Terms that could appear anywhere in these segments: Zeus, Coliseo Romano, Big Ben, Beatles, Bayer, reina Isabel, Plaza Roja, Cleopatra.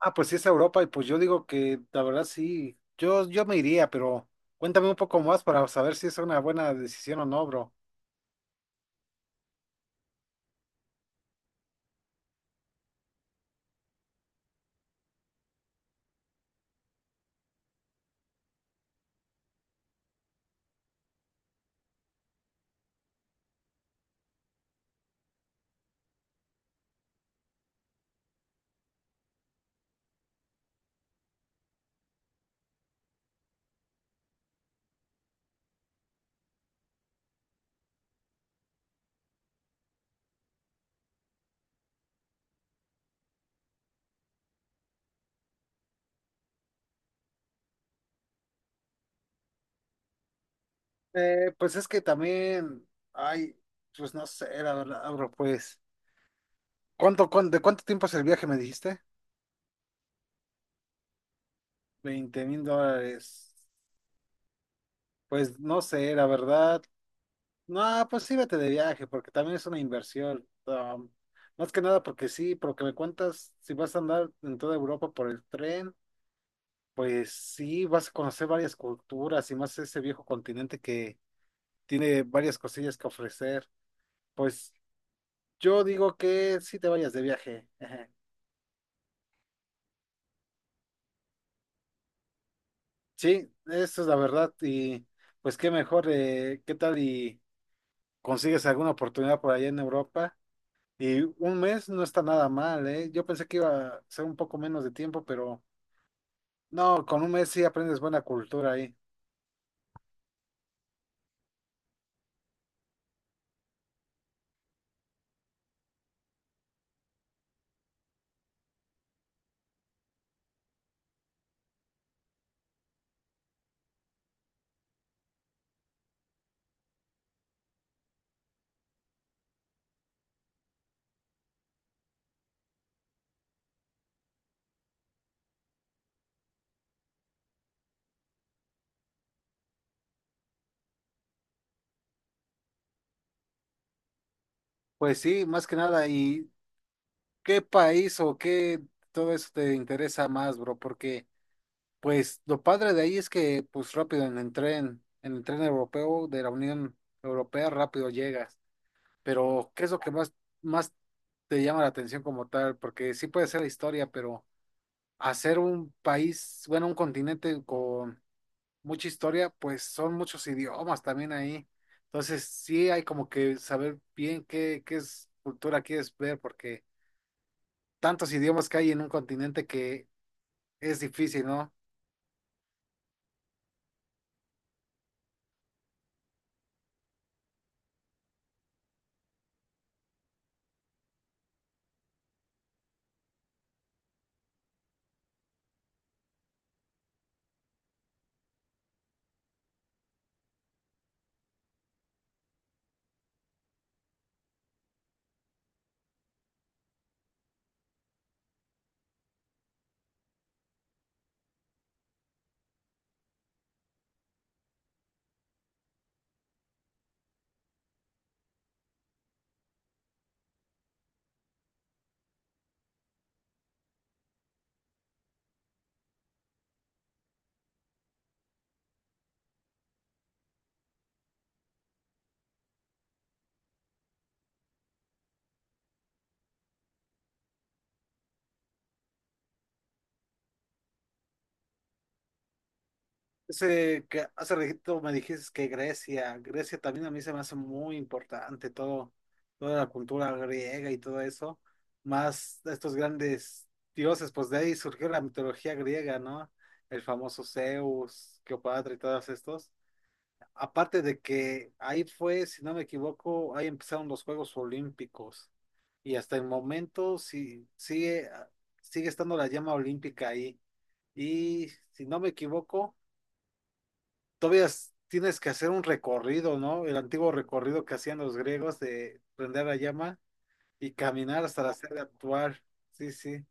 Ah, pues sí, es Europa y pues yo digo que la verdad sí, yo me iría, pero cuéntame un poco más para saber si es una buena decisión o no, bro. Pues es que también, ay, pues no sé, la verdad, bro, pues, ¿ de cuánto tiempo es el viaje, me dijiste? 20.000 dólares. Pues no sé, la verdad. No, pues sí, vete de viaje, porque también es una inversión. Más que nada porque sí, porque me cuentas si vas a andar en toda Europa por el tren. Pues sí, vas a conocer varias culturas y más ese viejo continente que tiene varias cosillas que ofrecer. Pues yo digo que sí te vayas de viaje. Ejé. Sí, eso es la verdad. Y pues qué mejor, qué tal y consigues alguna oportunidad por allá en Europa. Y un mes no está nada mal, ¿eh? Yo pensé que iba a ser un poco menos de tiempo, pero no, con un mes sí aprendes buena cultura ahí. Pues sí, más que nada. ¿Y qué país o qué todo eso te interesa más, bro? Porque... pues lo padre de ahí es que pues rápido en el tren europeo de la Unión Europea rápido llegas. Pero ¿qué es lo que más, más te llama la atención como tal? Porque sí puede ser la historia, pero hacer un país, bueno, un continente con mucha historia, pues son muchos idiomas también ahí. Entonces sí hay como que saber bien qué, qué es cultura quieres ver, porque tantos idiomas que hay en un continente que es difícil, ¿no? Ese que hace ratito me dijiste que Grecia también a mí se me hace muy importante todo, toda la cultura griega y todo eso, más estos grandes dioses, pues de ahí surgió la mitología griega, ¿no? El famoso Zeus, Cleopatra y todos estos. Aparte de que ahí fue, si no me equivoco, ahí empezaron los Juegos Olímpicos y hasta el momento sí, sigue estando la llama olímpica ahí. Y si no me equivoco, todavía tienes que hacer un recorrido, ¿no? El antiguo recorrido que hacían los griegos de prender la llama y caminar hasta la sede actual. Sí, sí,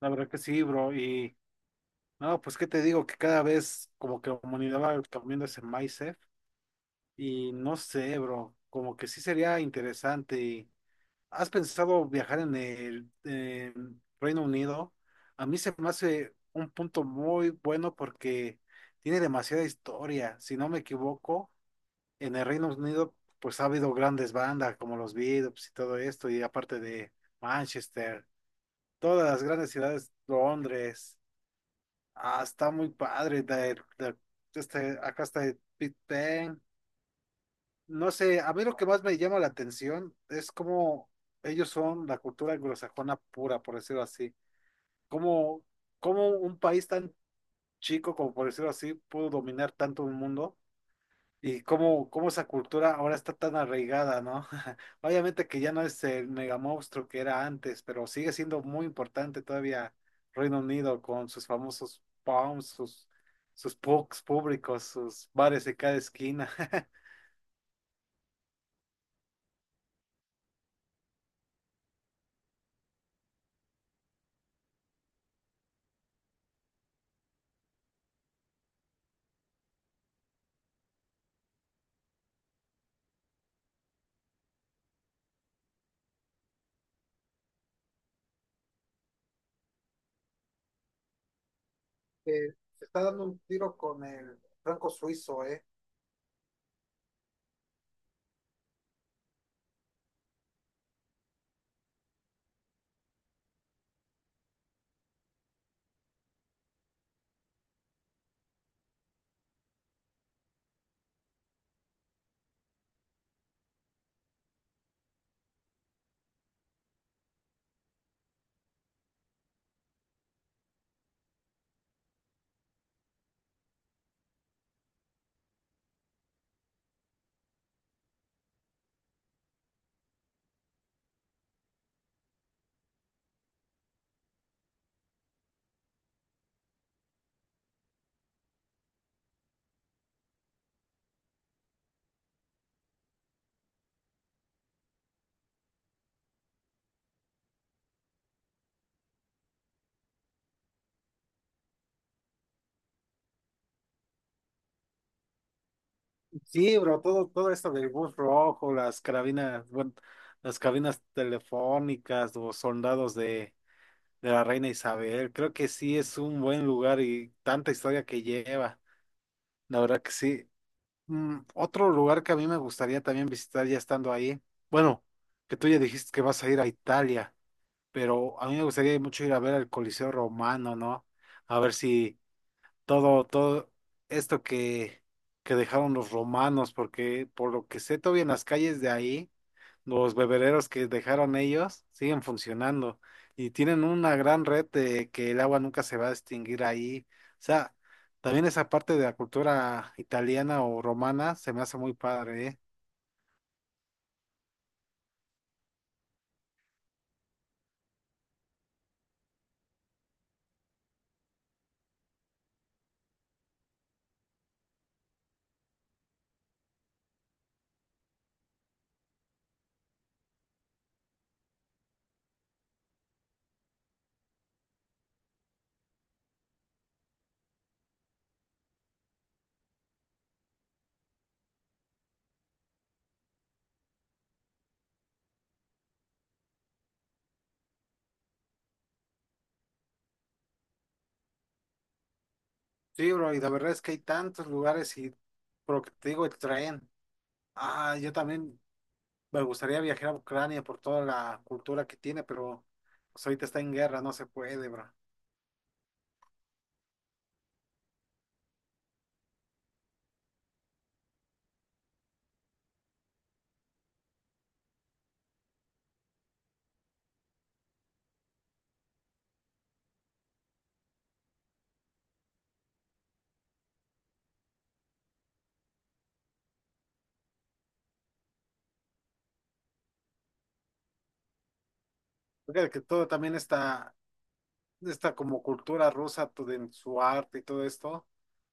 la verdad que sí, bro. Y no, pues qué te digo, que cada vez como que la humanidad va cambiando ese mindset y no sé, bro, como que sí sería interesante. ¿Has pensado viajar en el en Reino Unido? A mí se me hace un punto muy bueno porque tiene demasiada historia, si no me equivoco, en el Reino Unido, pues ha habido grandes bandas como los Beatles y todo esto, y aparte de Manchester, todas las grandes ciudades, Londres, ah, está muy padre, este, acá está el Big Ben, no sé, a mí lo que más me llama la atención es cómo ellos son la cultura anglosajona pura, por decirlo así, cómo, cómo un país tan chico, como por decirlo así, pudo dominar tanto un mundo. Y cómo, cómo esa cultura ahora está tan arraigada, ¿no? Obviamente que ya no es el mega monstruo que era antes, pero sigue siendo muy importante todavía Reino Unido con sus famosos pubs, sus, sus pubs públicos, sus bares de cada esquina. Se está dando un tiro con el franco suizo, ¿eh? Sí, bro, todo esto del bus rojo, las carabinas, bueno, las cabinas telefónicas, los soldados de la reina Isabel. Creo que sí es un buen lugar y tanta historia que lleva. La verdad que sí. Mm, otro lugar que a mí me gustaría también visitar ya estando ahí. Bueno, que tú ya dijiste que vas a ir a Italia, pero a mí me gustaría mucho ir a ver el Coliseo Romano, ¿no? A ver si todo, todo esto que dejaron los romanos, porque por lo que sé, todavía en las calles de ahí. Los bebederos que dejaron ellos siguen funcionando y tienen una gran red de que el agua nunca se va a extinguir ahí. O sea, también esa parte de la cultura italiana o romana se me hace muy padre, ¿eh? Sí, bro, y la verdad es que hay tantos lugares y por lo que te digo, el tren. Ah, yo también me gustaría viajar a Ucrania por toda la cultura que tiene, pero pues ahorita está en guerra, no se puede, bro. Fíjate que todo también está, está como cultura rusa, todo en su arte y todo esto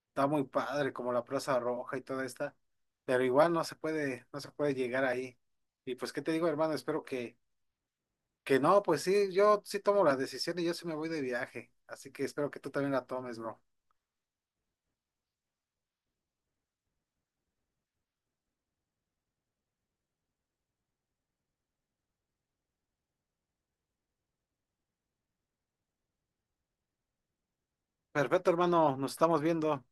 está muy padre, como la Plaza Roja y toda esta, pero igual no se puede, no se puede llegar ahí. Y pues, ¿qué te digo, hermano? Espero que no, pues sí, yo sí tomo la decisión y yo sí me voy de viaje, así que espero que tú también la tomes, bro. Perfecto, hermano, nos estamos viendo.